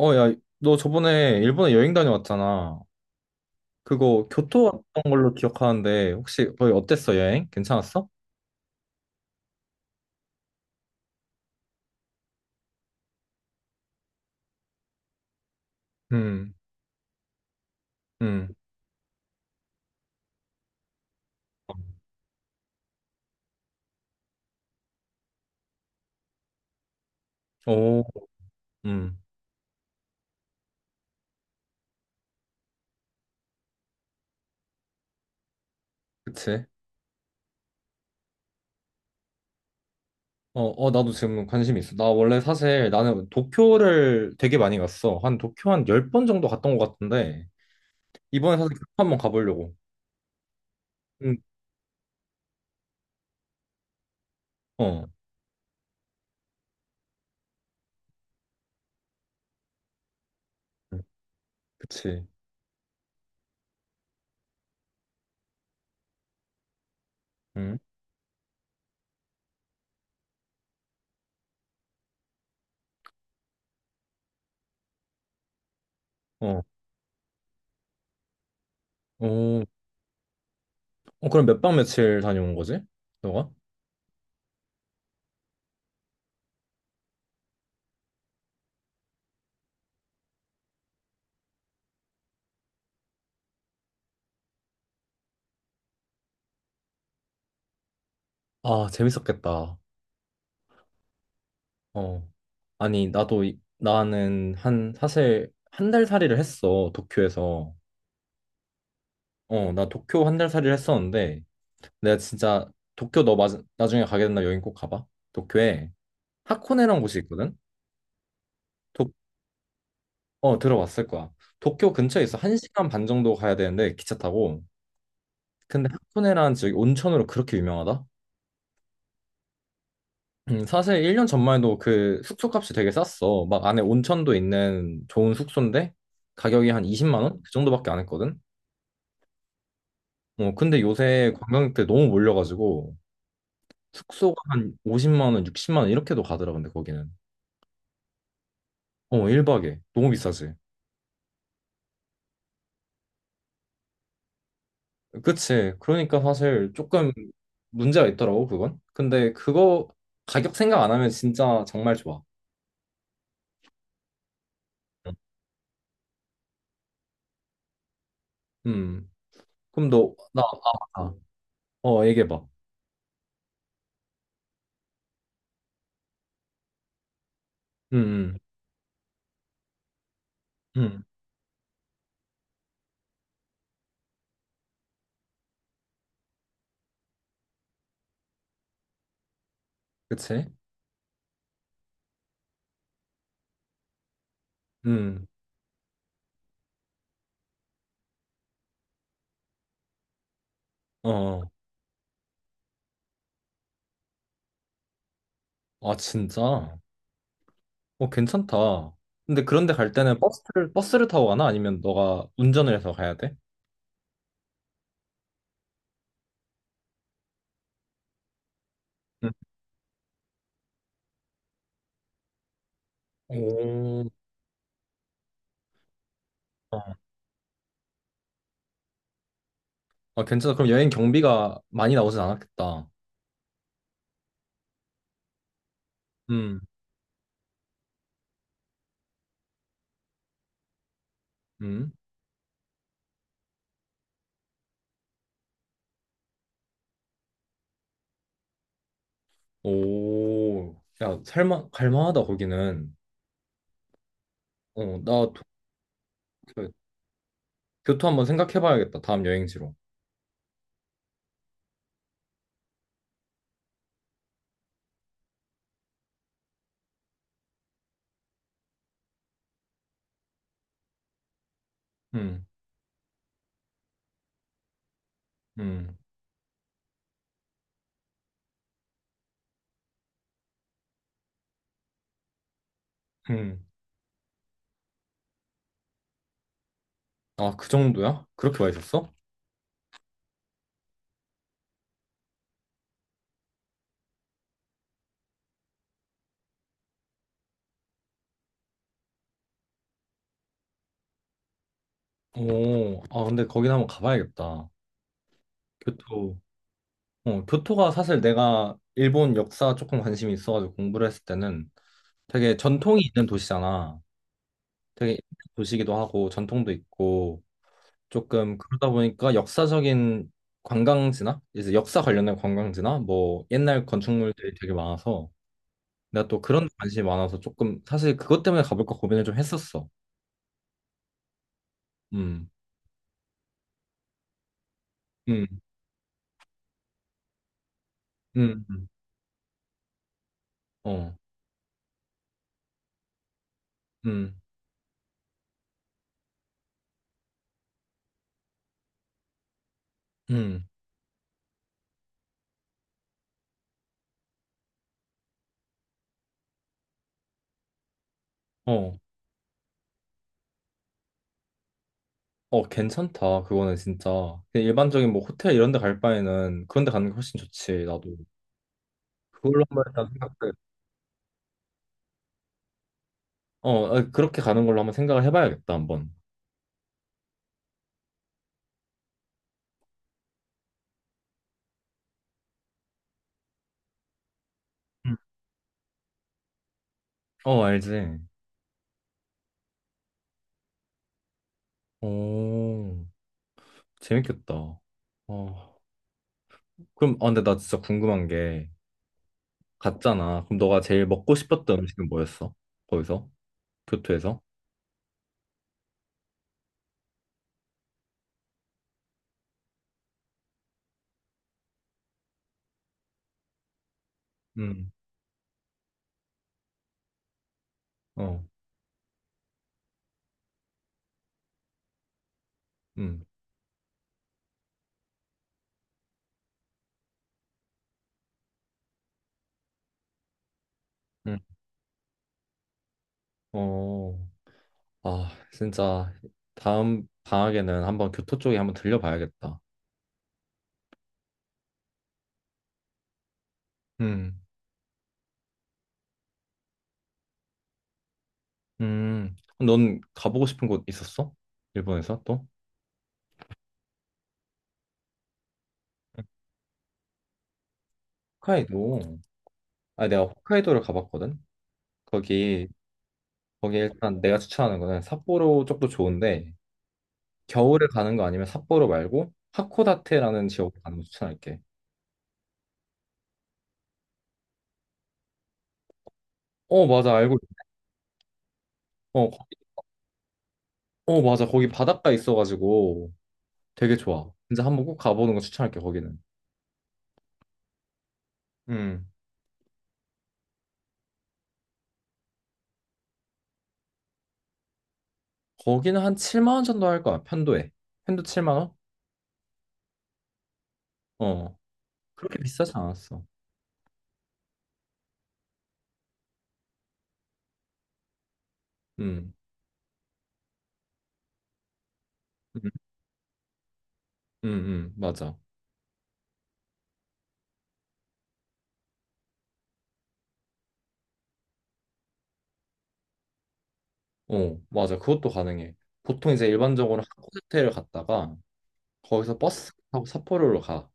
어, 야, 너 저번에 일본에 여행 다녀왔잖아. 그거 교토 왔던 걸로 기억하는데 혹시 거기 어땠어, 여행? 괜찮았어? 음. 음. 오. 음. 그치. 어, 어, 나도 지금 관심 있어. 나 원래 사실 나는 도쿄를 되게 많이 갔어. 한 도쿄 한 열 번 정도 갔던 것 같은데 이번에 사실 교토 한번 가보려고. 응. 어. 음. 그치. 응. 어. 오. 어. 그럼 몇 박 며칠 다녀온 거지? 너가? 아, 재밌었겠다. 어. 아니, 나도, 나는 한, 사실 한 달 살이를 했어, 도쿄에서. 어, 나 도쿄 한 달 살이를 했었는데, 내가 진짜 도쿄 너 나중에 가게 된다 여행 꼭 가봐. 도쿄에 하코네라는 곳이 있거든? 도, 어, 들어봤을 거야. 도쿄 근처에 있어. 한 시간 반 정도 가야 되는데, 기차 타고. 근데 하코네라는 지역이 온천으로 그렇게 유명하다? 사실 1년 전만 해도 그 숙소 값이 되게 쌌어. 막 안에 온천도 있는 좋은 숙소인데, 가격이 한 20만 원? 그 정도밖에 안 했거든? 어, 근데 요새 관광객들 너무 몰려가지고 숙소가 한 50만 원, 60만 원 이렇게도 가더라 근데 거기는. 어, 1박에. 너무 비싸지. 그치. 그러니까 사실 조금 문제가 있더라고 그건. 근데 그거 가격 생각 안 하면 진짜 정말 좋아. 응. 음. 그럼 너, 나, 아, 어, 얘기해봐. 음. 음. 음. 그치? 음. 어. 어. 아, 진짜? 어, 괜찮다. 근데 그런데 갈 때는 버스를 타고 가나? 아니면 너가 운전을 해서 가야 돼? 음. 오. 어. 아, 괜찮아. 그럼 여행 경비가 많이 나오진 않았겠다. 음. 음. 오. 야, 살만 갈만하다 거기는. 어, 나 도- 그 교토 한번 생각해 봐야겠다. 다음 여행지로. 음. 음. 음. 아, 그 정도야? 그렇게 와 있었어? 오. 아, 근데 거긴 한번 가봐야겠다. 교토. 어, 교토가 사실 내가 일본 역사 조금 관심이 있어가지고 공부를 했을 때는 되게 전통이 있는 도시잖아. 되게 도시기도 하고 전통도 있고 조금 그러다 보니까 역사적인 관광지나 이제 역사 관련된 관광지나 뭐 옛날 건축물들이 되게 많아서 내가 또 그런 데 관심이 많아서 조금 사실 그것 때문에 가볼까 고민을 좀 했었어. 음. 음. 음. 음. 어. 음. 음. 어. 어, 괜찮다. 그거는 진짜 그냥 일반적인 뭐 호텔 이런 데 갈 바에는 그런 데 가는 게 훨씬 좋지. 나도 그걸로 한번 일단 생각해. 어, 아, 그렇게 가는 걸로 한번 생각을 해봐야겠다. 한번. 음. 어, 알지. 오. 재밌겠다. 어. 그럼, 아, 근데 나 진짜 궁금한 게, 갔잖아. 그럼 너가 제일 먹고 싶었던 음식은 뭐였어? 거기서? 교토에서? 음. 어. 음. 음. 어, 아, 진짜, 다음 방학에는 한번 교토 쪽에 한번 들려봐야겠다. 음. 음. 넌 가보고 싶은 곳 있었어? 일본에서 또? 홋카이도. 아, 내가 홋카이도를 가봤거든? 거기, 거기 일단 내가 추천하는 거는 삿포로 쪽도 좋은데, 겨울에 가는 거 아니면 삿포로 말고 하코다테라는 지역을 가는 거 추천할게. 어, 맞아. 어, 어, 맞아. 거기 바닷가 있어가지고 되게 좋아. 진짜 한번 꼭 가보는 거 추천할게, 거기는. 음. 거기는 한 7만 원 정도 할 거야. 편도에. 편도 7만 원? 어. 그렇게 비싸지 않았어. 음. 음. 음. 음. 맞아. 어, 맞아. 그것도 가능해. 보통 이제 일반적으로 하코다테를 갔다가 거기서 버스 타고 삿포로로 가.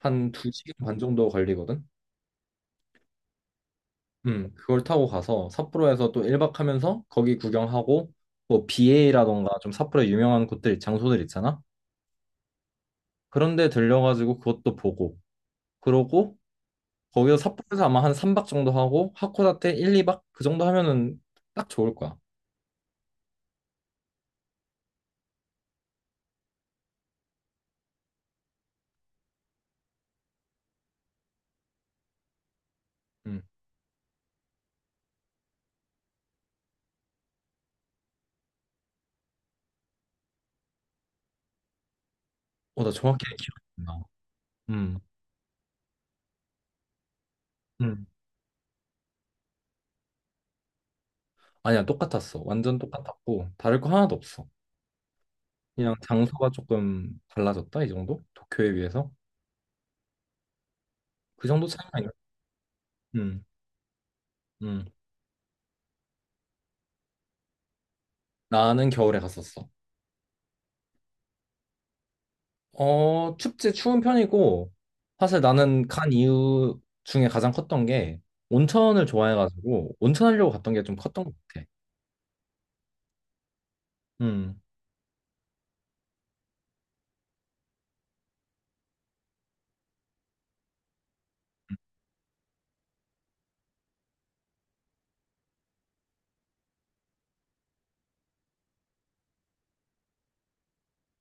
한 2시간 반 정도 걸리거든. 그걸 타고 가서 삿포로에서 또 1박 하면서 거기 구경하고 뭐 비에이라던가 좀 삿포로 유명한 곳들 장소들 있잖아. 그런데 들려가지고 그것도 보고 그러고 거기서 삿포로에서 아마 한 3박 정도 하고 하코다테 1, 2박 그 정도 하면은 딱 좋을 거야. 음. 어, 나 정확히 기억이 안 나. 음. 음. 아니야, 똑같았어. 완전 똑같았고 다를 거 하나도 없어. 그냥 장소가 조금 달라졌다 이 정도? 도쿄에 비해서 그 정도 차이가 있나? 음. 음. 나는 겨울에 갔었어. 어, 춥지 추운 편이고, 사실 나는 간 이유 중에 가장 컸던 게, 온천을 좋아해가지고, 온천하려고 갔던 게 좀 컸던 것 같아. 음.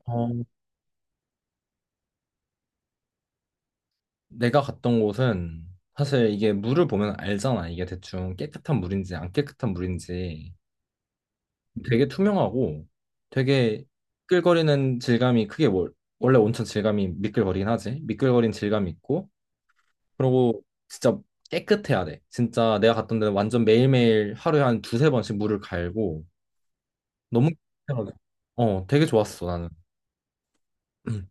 어, 내가 갔던 곳은, 사실 이게 물을 보면 알잖아. 이게 대충 깨끗한 물인지 안 깨끗한 물인지 되게 투명하고 되게 미끌거리는 질감이 크게 원래 온천 질감이 미끌거리긴 하지. 미끌거린 질감이 있고 그리고 진짜 깨끗해야 돼. 진짜 내가 갔던 데는 완전 매일매일 하루에 한 두세 번씩 물을 갈고 너무 깨끗하게. 어, 되게 좋았어, 나는. 음.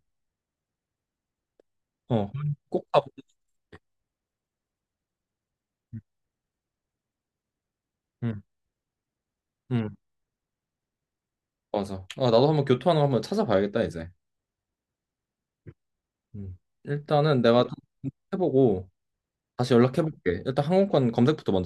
어, 꼭 가보. 응. 응. 맞아. 아, 나도 한번 교토하는 거 한번 찾아봐야겠다, 이제. 음. 일단은 내가 좀 해보고 다시 연락해볼게. 일단 항공권 검색부터 먼저